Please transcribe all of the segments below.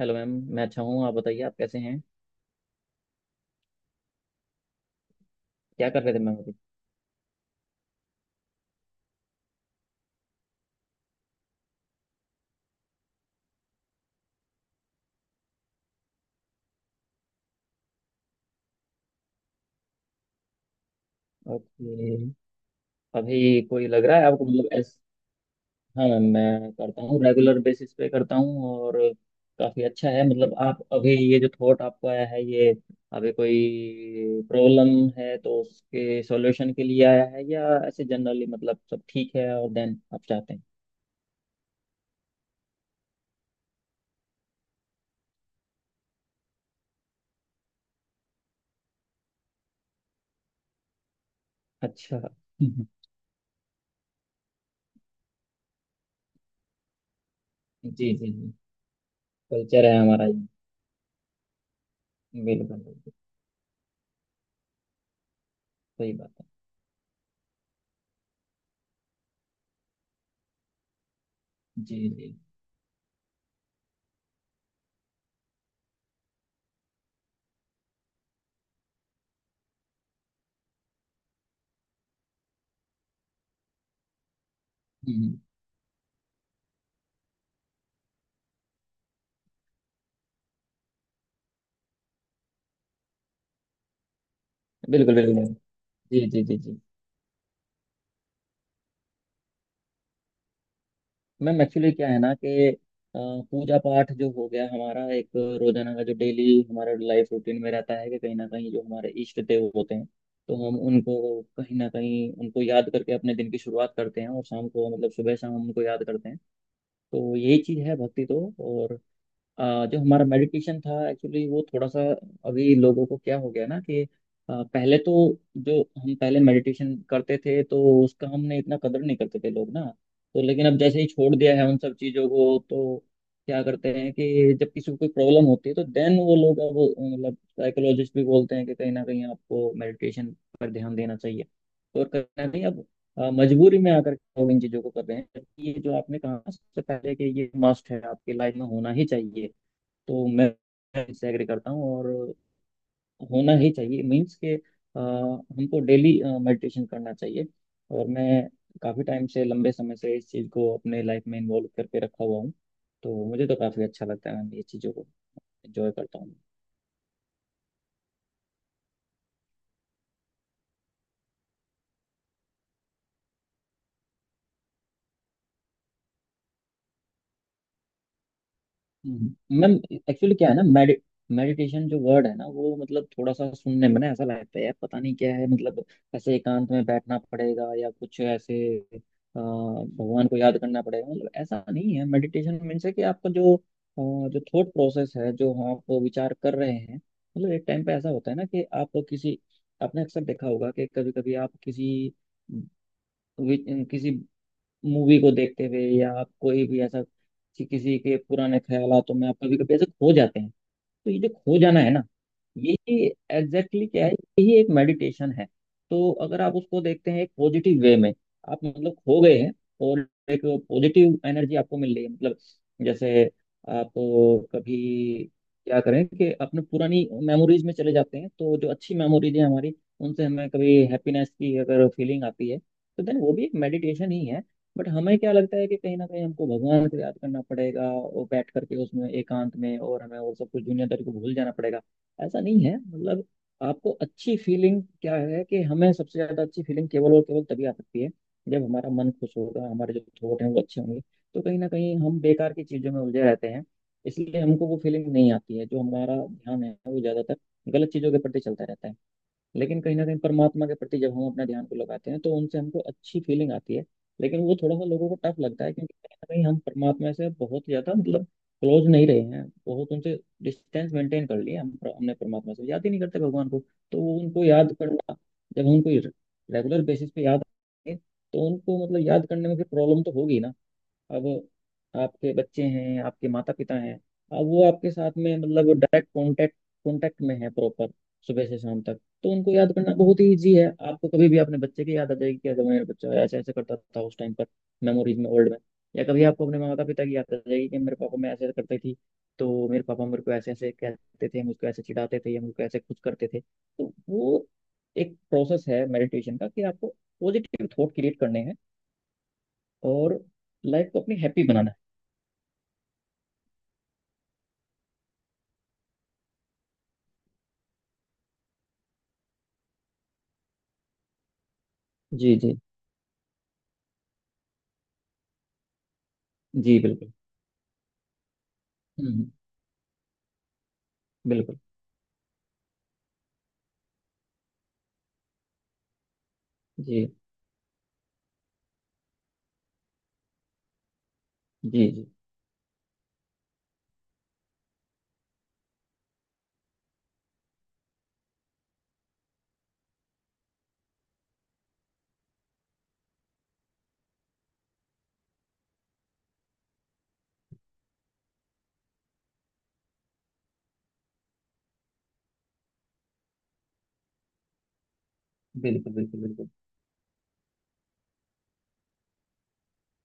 Hello ma'am. मैं अच्छा हूँ, आप बताइए, आप कैसे हैं? क्या कर रहे थे मैम अभी? ओके। अभी कोई लग रहा है आपको, मतलब एस हाँ मैम, मैं करता हूँ, रेगुलर बेसिस पे करता हूँ। और काफ़ी अच्छा है, मतलब आप अभी ये जो थॉट आपको आया है, ये अभी कोई प्रॉब्लम है तो उसके सॉल्यूशन के लिए आया है, या ऐसे जनरली मतलब सब ठीक है और देन आप चाहते हैं? अच्छा। जी जी जी। कल्चर है हमारा ये। बिल्कुल बिल्कुल। सही बात है। जी जी। हम्म। बिल्कुल बिल्कुल। जी जी जी जी। मैम, एक्चुअली क्या है ना कि अ, पूजा पाठ जो हो गया हमारा, एक रोजाना का जो डेली हमारा लाइफ रूटीन में रहता है कि कहीं ना कहीं जो हमारे इष्ट देव होते हैं, तो हम उनको कहीं ना कहीं उनको याद करके अपने दिन की शुरुआत करते हैं और शाम को, मतलब सुबह शाम हम उनको याद करते हैं। तो यही चीज़ है भक्ति। तो और जो हमारा मेडिटेशन था एक्चुअली, वो थोड़ा सा अभी लोगों को क्या हो गया ना कि पहले तो जो हम पहले मेडिटेशन करते थे तो उसका हमने इतना कदर नहीं करते थे लोग ना, तो लेकिन अब जैसे ही छोड़ दिया है उन सब चीज़ों को तो क्या करते हैं कि जब किसी को कोई प्रॉब्लम होती है तो देन वो लोग अब, मतलब साइकोलॉजिस्ट भी बोलते हैं कि कहीं ना कहीं आपको मेडिटेशन पर ध्यान देना चाहिए, तो और कहीं ना कहीं अब मजबूरी में आकर के लोग इन चीज़ों को कर रहे हैं, जबकि ये जो आपने कहा ना सबसे पहले कि ये मस्ट है, आपकी लाइफ में होना ही चाहिए। तो मैं इससे एग्री करता हूँ, और होना ही चाहिए, मीन्स के हमको डेली मेडिटेशन करना चाहिए। और मैं काफ़ी टाइम से, लंबे समय से इस चीज़ को अपने लाइफ में इन्वॉल्व करके रखा हुआ हूँ, तो मुझे तो काफ़ी अच्छा लगता है, मैं ये चीज़ों को एंजॉय करता हूँ। हम्म। मैम, एक्चुअली क्या है ना, मेडिटेशन जो वर्ड है ना वो, मतलब थोड़ा सा सुनने में ना ऐसा लगता है, यार पता नहीं क्या है, मतलब ऐसे एकांत में बैठना पड़ेगा या कुछ ऐसे भगवान को याद करना पड़ेगा। मतलब ऐसा नहीं है। मेडिटेशन मीन्स है कि आपका जो जो थॉट प्रोसेस है, जो आप विचार कर रहे हैं, मतलब एक टाइम पे ऐसा होता है ना कि आप किसी, आपने अक्सर देखा होगा कि कभी कभी आप किसी किसी मूवी को देखते हुए, या आप कोई भी ऐसा किसी के पुराने ख्यालों में आप कभी कभी ऐसे खो जाते हैं। तो ये जो खो जाना है ना, यही एग्जैक्टली exactly क्या है, यही एक मेडिटेशन है। तो अगर आप उसको देखते हैं एक पॉजिटिव वे में, आप मतलब खो गए हैं, और एक पॉजिटिव एनर्जी आपको मिल रही है, मतलब जैसे आप कभी क्या करें कि अपने पुरानी मेमोरीज में चले जाते हैं, तो जो अच्छी मेमोरीज है हमारी, उनसे हमें कभी हैप्पीनेस की अगर फीलिंग आती है तो देन वो भी एक मेडिटेशन ही है। बट हमें क्या लगता है कि कहीं ना कहीं हमको भगवान को याद करना पड़ेगा और बैठ करके उसमें एकांत में, और हमें और सब कुछ दुनियादारी को भूल जाना पड़ेगा। ऐसा नहीं है, मतलब आपको अच्छी फीलिंग क्या है कि हमें सबसे ज्यादा अच्छी फीलिंग केवल और केवल तभी आ सकती है जब हमारा मन खुश होगा, हमारे जो थॉट हैं वो अच्छे होंगे। तो कहीं ना कहीं हम बेकार की चीजों में उलझे रहते हैं, इसलिए हमको वो फीलिंग नहीं आती है। जो हमारा ध्यान है वो ज्यादातर गलत चीजों के प्रति चलता रहता है, लेकिन कहीं ना कहीं परमात्मा के प्रति जब हम अपना ध्यान को लगाते हैं तो उनसे हमको अच्छी फीलिंग आती है। लेकिन वो थोड़ा सा लोगों को टफ लगता है, क्योंकि कहीं ना कहीं हम परमात्मा से बहुत ज्यादा, मतलब क्लोज नहीं रहे हैं, बहुत उनसे डिस्टेंस मेंटेन कर लिया हम, हमने परमात्मा से, याद ही नहीं करते भगवान को। तो वो उनको याद करना, जब उनको रेगुलर बेसिस पे याद आए, तो उनको मतलब याद करने में फिर प्रॉब्लम तो होगी ना। अब आपके बच्चे हैं, आपके माता पिता हैं, अब वो आपके साथ में, मतलब डायरेक्ट कांटेक्ट, में है प्रॉपर, सुबह से शाम तक, तो उनको याद करना बहुत ही ईजी है। आपको कभी भी अपने बच्चे की याद आ जाएगी कि अगर मेरा बच्चा ऐसे ऐसे करता था उस टाइम पर, मेमोरीज में, ओल्ड में, या कभी आपको अपने माता पिता की याद आ जाएगी कि मेरे पापा, मैं ऐसे ऐसे करती थी तो मेरे पापा मेरे को ऐसे ऐसे कहते थे, मुझको ऐसे चिढ़ाते थे या मुझको ऐसे खुश करते थे। तो वो एक प्रोसेस है मेडिटेशन का, कि आपको पॉजिटिव थॉट क्रिएट करने हैं, और लाइफ को अपनी हैप्पी बनाना है। जी जी जी। बिल्कुल। हम्म। बिल्कुल। जी जी जी। बिल्कुल बिल्कुल बिल्कुल।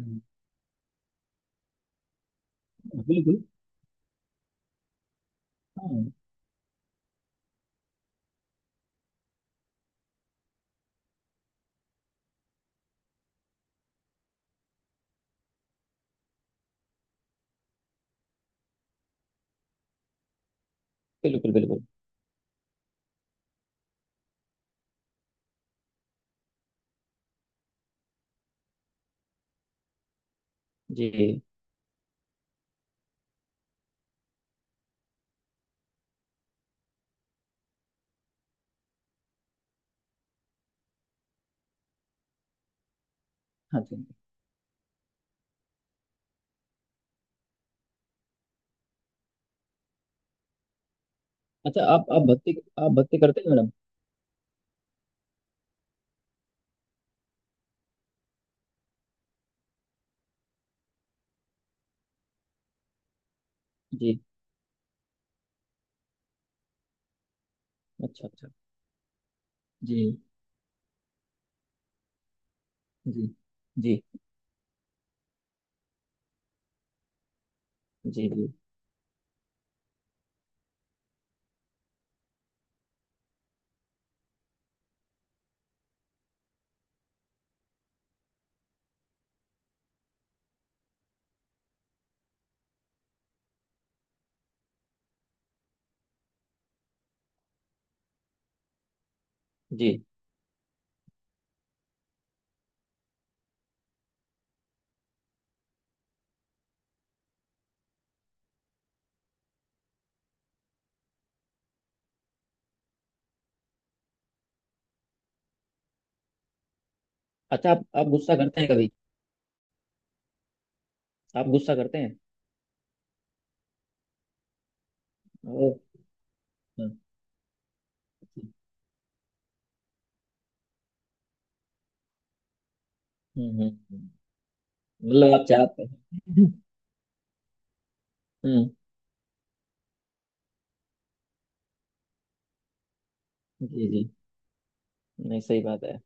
हम्म। बिल्कुल। हाँ। बिल्कुल बिल्कुल। जी। हाँ जी। अच्छा, आप भक्ति करते हैं मैडम? जी। अच्छा अच्छा। जी जी जी जी जी जी। अच्छा, आप गुस्सा करते हैं कभी? आप गुस्सा करते हैं? ओ। हाँ। हम्म हम्म। हम्म। मतलब आप चाहते हैं? हम्म। जी जी। नहीं, सही बात है।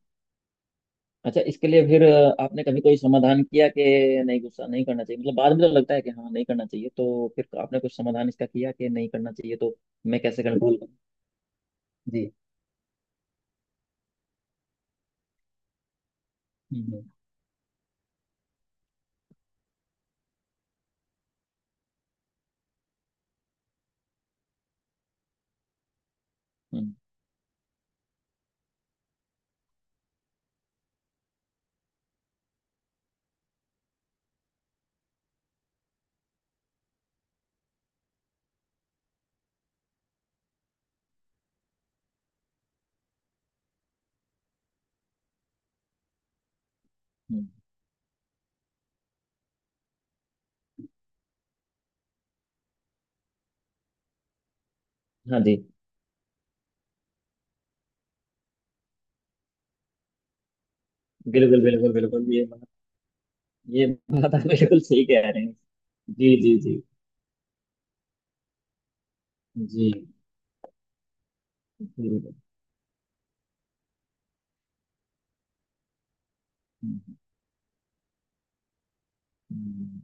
अच्छा, इसके लिए फिर आपने कभी कोई समाधान किया कि नहीं, गुस्सा नहीं करना चाहिए, मतलब बाद में तो लगता है कि हाँ नहीं करना चाहिए, तो फिर आपने कुछ समाधान इसका किया कि नहीं करना चाहिए, तो मैं कैसे कंट्रोल करूँ? जी। हम्म हम्म। हम्म। हाँ जी। बिल्कुल बिल्कुल बिल्कुल, ये बात, ये बात आप बिल्कुल सही कह रहे हैं। जी जी जी जी। बिल्कुल। हम्म। हम्म।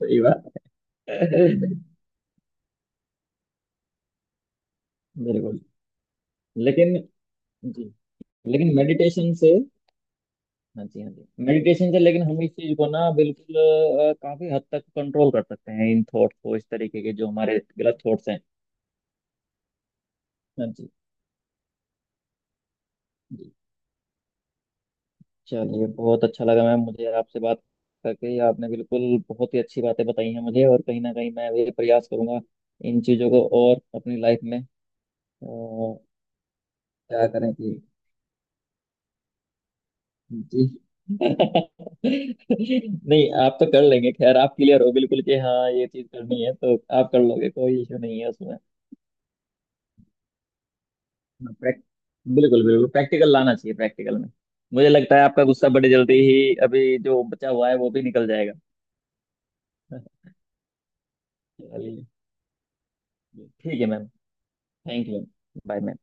सही बात। बिल्कुल। लेकिन, जी, लेकिन मेडिटेशन से, हाँ जी, हाँ जी, मेडिटेशन से लेकिन हम इस चीज को ना बिल्कुल काफी हद तक कंट्रोल कर सकते हैं, इन थॉट्स को, इस तरीके के जो हमारे गलत थॉट्स हैं। हाँ जी। हाँ जी। चलिए, बहुत अच्छा लगा मैम मुझे आपसे बात करके, आपने बिल्कुल बहुत ही अच्छी बातें बताई हैं मुझे, और कहीं ना कहीं मैं भी प्रयास करूंगा इन चीजों को, और अपनी लाइफ में क्या करें कि, जी। नहीं, आप तो कर लेंगे, खैर आप क्लियर हो बिल्कुल कि हाँ ये चीज करनी है, तो आप कर लोगे, कोई इशू नहीं है उसमें। हाँ, बिल्कुल बिल्कुल, प्रैक्टिकल लाना चाहिए, प्रैक्टिकल में। मुझे लगता है आपका गुस्सा बड़ी जल्दी ही, अभी जो बचा हुआ है वो भी निकल जाएगा। चलिए, ठीक है ma'am. Thank you. Bye ma'am.